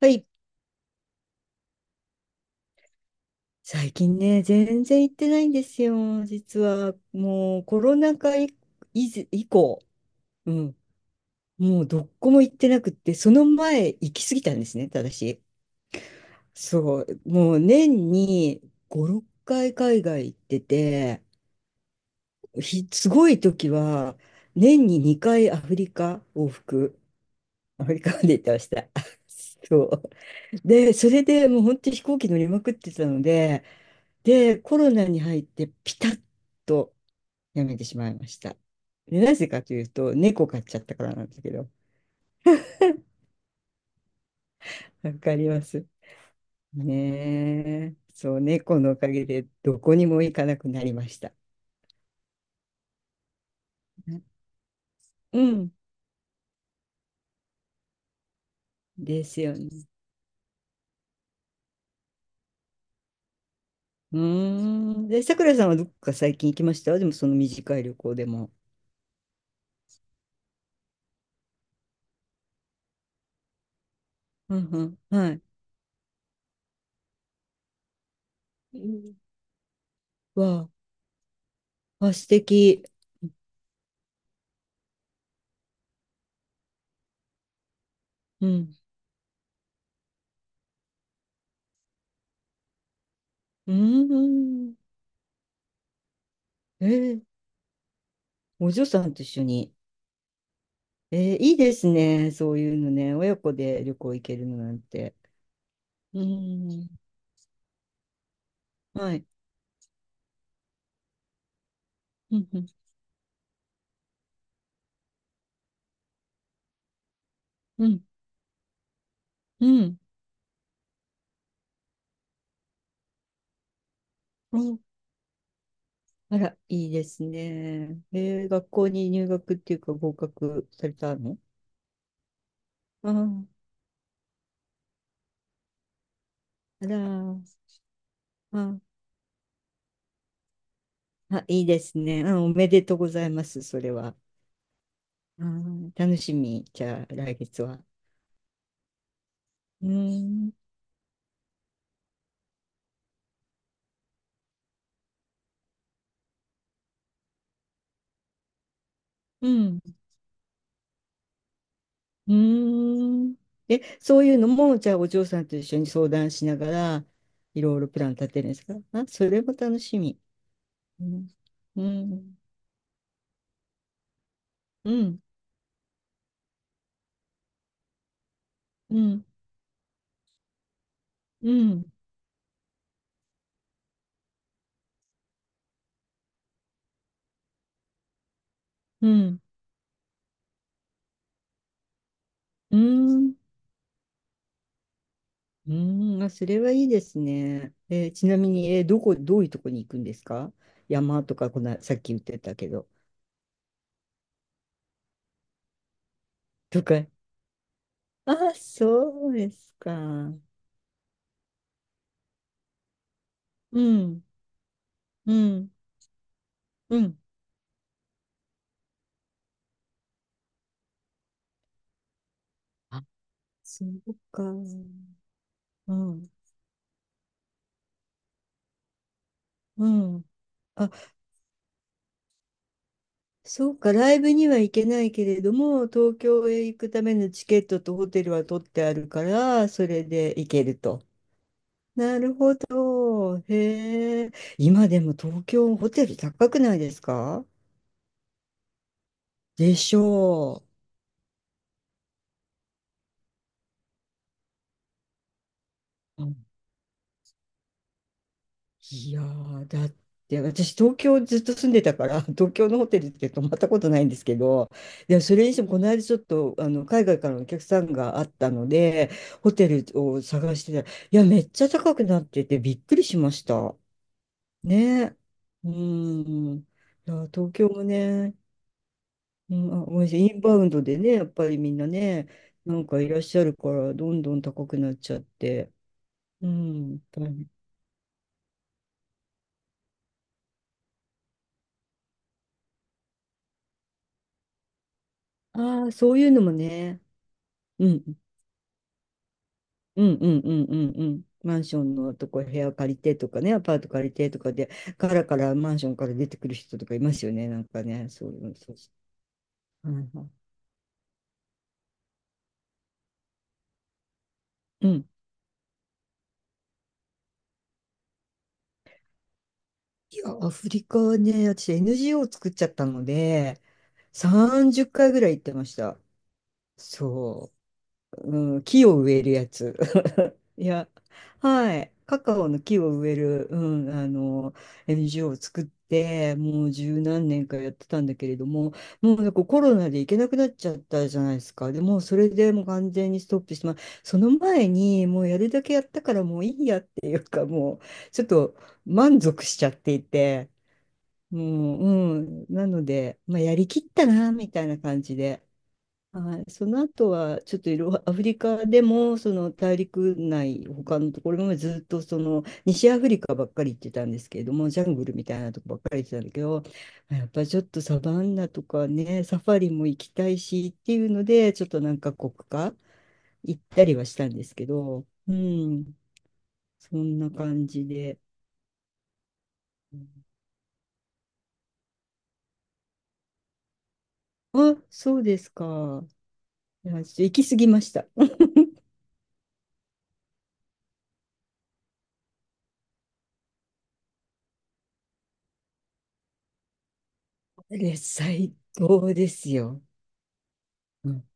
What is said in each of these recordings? はい。最近ね、全然行ってないんですよ。実は、もうコロナ禍以前以降、うん、もうどこも行ってなくって、その前行き過ぎたんですね、ただし。そう、もう年に5、6回海外行ってて、すごい時は、年に2回アフリカ往復、アフリカまで行ってました。そう。で、それでもう本当に飛行機乗りまくってたので、で、コロナに入ってピタッとやめてしまいました。で、なぜかというと、猫飼っちゃったからなんですけど、わかりますねえ。そう、猫のおかげでどこにも行かなくなりました。うん、ですよね。うーん。で、さくらさんはどこか最近行きました？でもその短い旅行でも。うんうん。はい。うん、わあ、あ、素敵。うん。うーん。えー、お嬢さんと一緒に、えー、いいですね。そういうのね。親子で旅行行けるのなんて。うん。はい。うん。うん。うんうん、あら、いいですね。えー、学校に入学っていうか合格されたの？あー、あらー、あー、あ、いいですね。あ、おめでとうございます、それは。うん、楽しみ。じゃあ、来月は。うん。うん、うーん。え、そういうのも、じゃあお嬢さんと一緒に相談しながら、いろいろプラン立てるんですかあ？それも楽しみ。うん。うん。うん。うん。うん。うん。うん。うん、あ、それはいいですね。えーちなみに、えー、どこ、どういうとこに行くんですか？山とか、さっき言ってたけど。とか。あ、そうですか。うん。うん。うん。あ、そうか。うん。うん。あ、そうか、ライブには行けないけれども、東京へ行くためのチケットとホテルは取ってあるから、それで行けると。なるほど。へえ。今でも東京ホテル高くないですか？でしょう。いやー、だって私、東京ずっと住んでたから、東京のホテルって泊まったことないんですけど、でもそれにしても、この間ちょっとあの海外からのお客さんがあったので、ホテルを探してたら、いや、めっちゃ高くなってて、びっくりしました。ね。うん。いや、東京もね、うん、あ、ごめんなさい、インバウンドでね、やっぱりみんなね、なんかいらっしゃるから、どんどん高くなっちゃって。うん。大変。ああ、そういうのもね。うん。うんうんうんうんうん。マンションのとこ部屋借りてとかね、アパート借りてとかで、カラカラマンションから出てくる人とかいますよね、なんかね、そういうの。そうそうはいはい、うん。いや、アフリカはね、私 NGO 作っちゃったので、30回ぐらい行ってました。そう。うん、木を植えるやつ。いや、はい。カカオの木を植える、うん、NGO を作って、もう十何年かやってたんだけれども、もうなんかコロナで行けなくなっちゃったじゃないですか。でもうそれでもう完全にストップして、まあ、その前にもうやるだけやったからもういいやっていうか、もうちょっと満足しちゃっていて、もう、うん、なので、まあ、やりきったな、みたいな感じで。はい、その後はちょっとアフリカでもその大陸内他のところもずっとその西アフリカばっかり行ってたんですけれども、ジャングルみたいなとこばっかり行ってたんだけど、やっぱちょっとサバンナとかね、サファリも行きたいしっていうのでちょっと何か国か行ったりはしたんですけど、うん、そんな感じで。あ、そうですか、いやちょっと行き過ぎました。 え、最高ですよ。うん、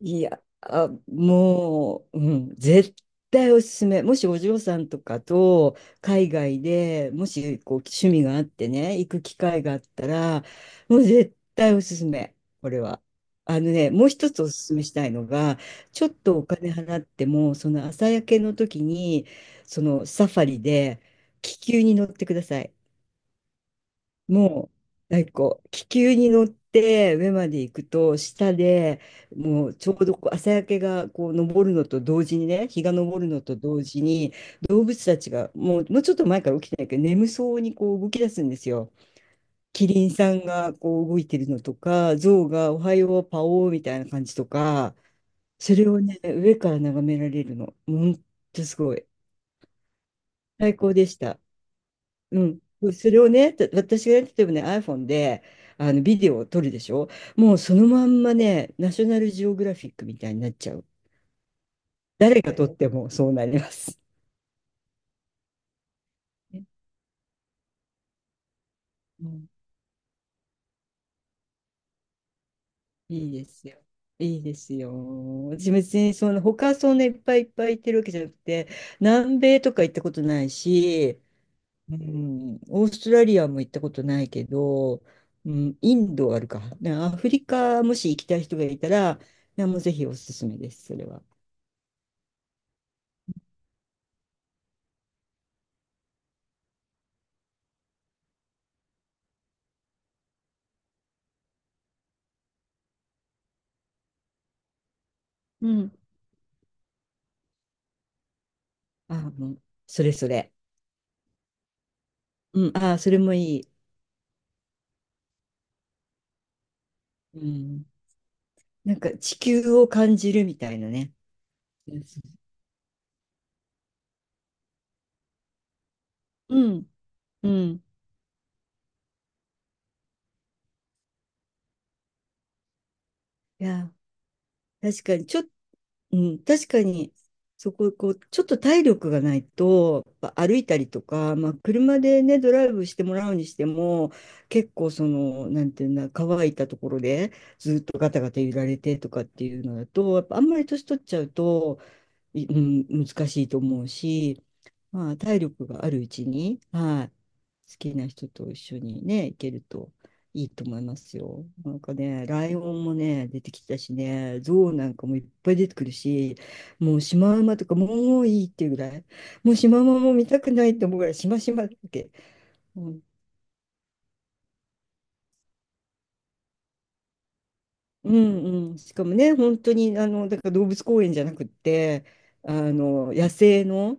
いや、あ、もう、うん、絶対おすすめ。もしお嬢さんとかと海外でもしこう趣味があってね、行く機会があったら、もう絶対おすすめ、これは。あのね、もう一つおすすめしたいのが、ちょっとお金払っても、その朝焼けの時に、そのサファリで気球に乗ってください。もう、なんかこう、気球に乗って上まで行くと、下でもうちょうどこう朝焼けがこう昇るのと同時にね、日が昇るのと同時に、動物たちがもう、もうちょっと前から起きてないけど、眠そうにこう動き出すんですよ。キリンさんがこう動いてるのとか、ゾウがおはよう、パオーみたいな感じとか、それをね、上から眺められるの。ほんとすごい。最高でした。うん。それをね、私が例えばね、iPhone であのビデオを撮るでしょ。もうそのまんまね、ナショナルジオグラフィックみたいになっちゃう。誰が撮ってもそうなります。ね、うん、いいですよ。いいですよ。私別にその他そんないっぱいいっぱい行ってるわけじゃなくて、南米とか行ったことないし、うん、オーストラリアも行ったことないけど、うん、インドはあるか。ね、アフリカもし行きたい人がいたら、いやもうぜひおすすめです、それは。うん。もうそれそれ。うん、ああ、それもいい。うん。なんか地球を感じるみたいなね。うん、うん。いや、確かに、ちょっ、うん、確かに、そこ、こう、ちょっと体力がないと、やっぱ歩いたりとか、まあ、車でね、ドライブしてもらうにしても、結構、その、なんていうんだ、乾いたところで、ずっとガタガタ揺られてとかっていうのだと、やっぱあんまり年取っちゃうと、うん、難しいと思うし、まあ、体力があるうちに、はい、好きな人と一緒にね、行けるといいと思いますよ。なんかね、ライオンもね、出てきたしね、ゾウなんかもいっぱい出てくるし、もうシマウマとかもういいっていうぐらい、もうシマウマも見たくないって思うぐらい、シマシマだっけ、もう、うんうん、しかもね、本当にあのだから動物公園じゃなくって、あの野生の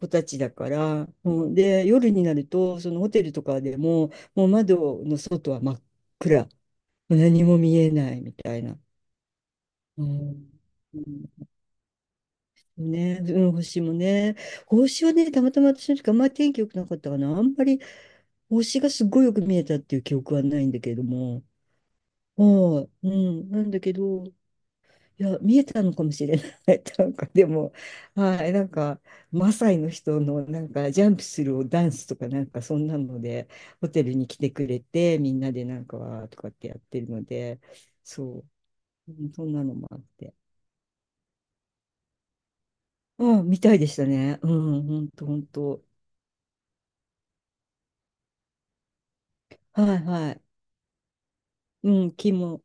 子たちだから、うん、で、夜になると、そのホテルとかでも、もう窓の外は真っ暗、何も見えないみたいな。うん、うん、ね、うん、星もね、星はね、たまたま私の時あんまり天気良くなかったかな、あんまり星がすごいよく見えたっていう記憶はないんだけども、はい、うん、なんだけど、いや、見えたのかもしれない。なんか、でも、はい、なんか、マサイの人の、なんか、ジャンプするダンスとか、なんか、そんなので、ホテルに来てくれて、みんなで、なんか、わーとかってやってるので、そう、うん、そんなのもあって。うん、みたいでしたね。うん、ほんと、ほんと。はい、はい。うん、気も。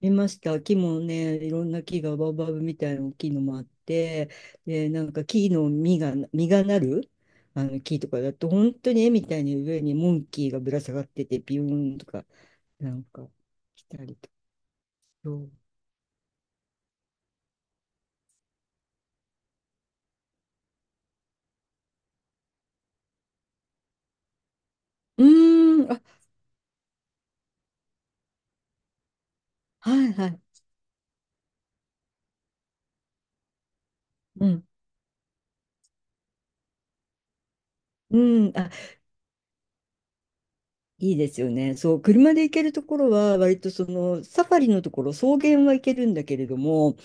見ました。木もね、いろんな木がバオバブみたいな大きいのもあって、で、なんか木の実が、実がなる、あの木とかだと、本当に絵みたいに上にモンキーがぶら下がってて、ビューンとか、なんか来たりとか。そう、うーん、あ、はいはい。うん。うん、あ、いいですよね。そう、車で行けるところは、割とそのサファリのところ、草原は行けるんだけれども、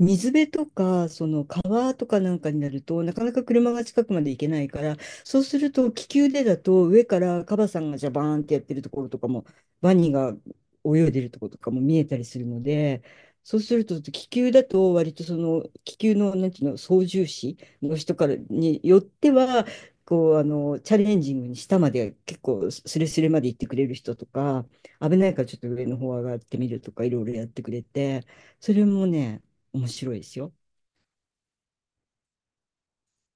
水辺とか、その川とかなんかになると、なかなか車が近くまで行けないから、そうすると気球でだと、上からカバさんがジャバーンってやってるところとかも、ワニが泳いでるところとかも見えたりするので、そうすると気球だと、割とその気球の、なんていうの、操縦士の人からによっては、こう、あの、チャレンジングに下まで結構スレスレまで行ってくれる人とか、危ないからちょっと上の方上がってみるとか、いろいろやってくれて、それもね、面白いですよ。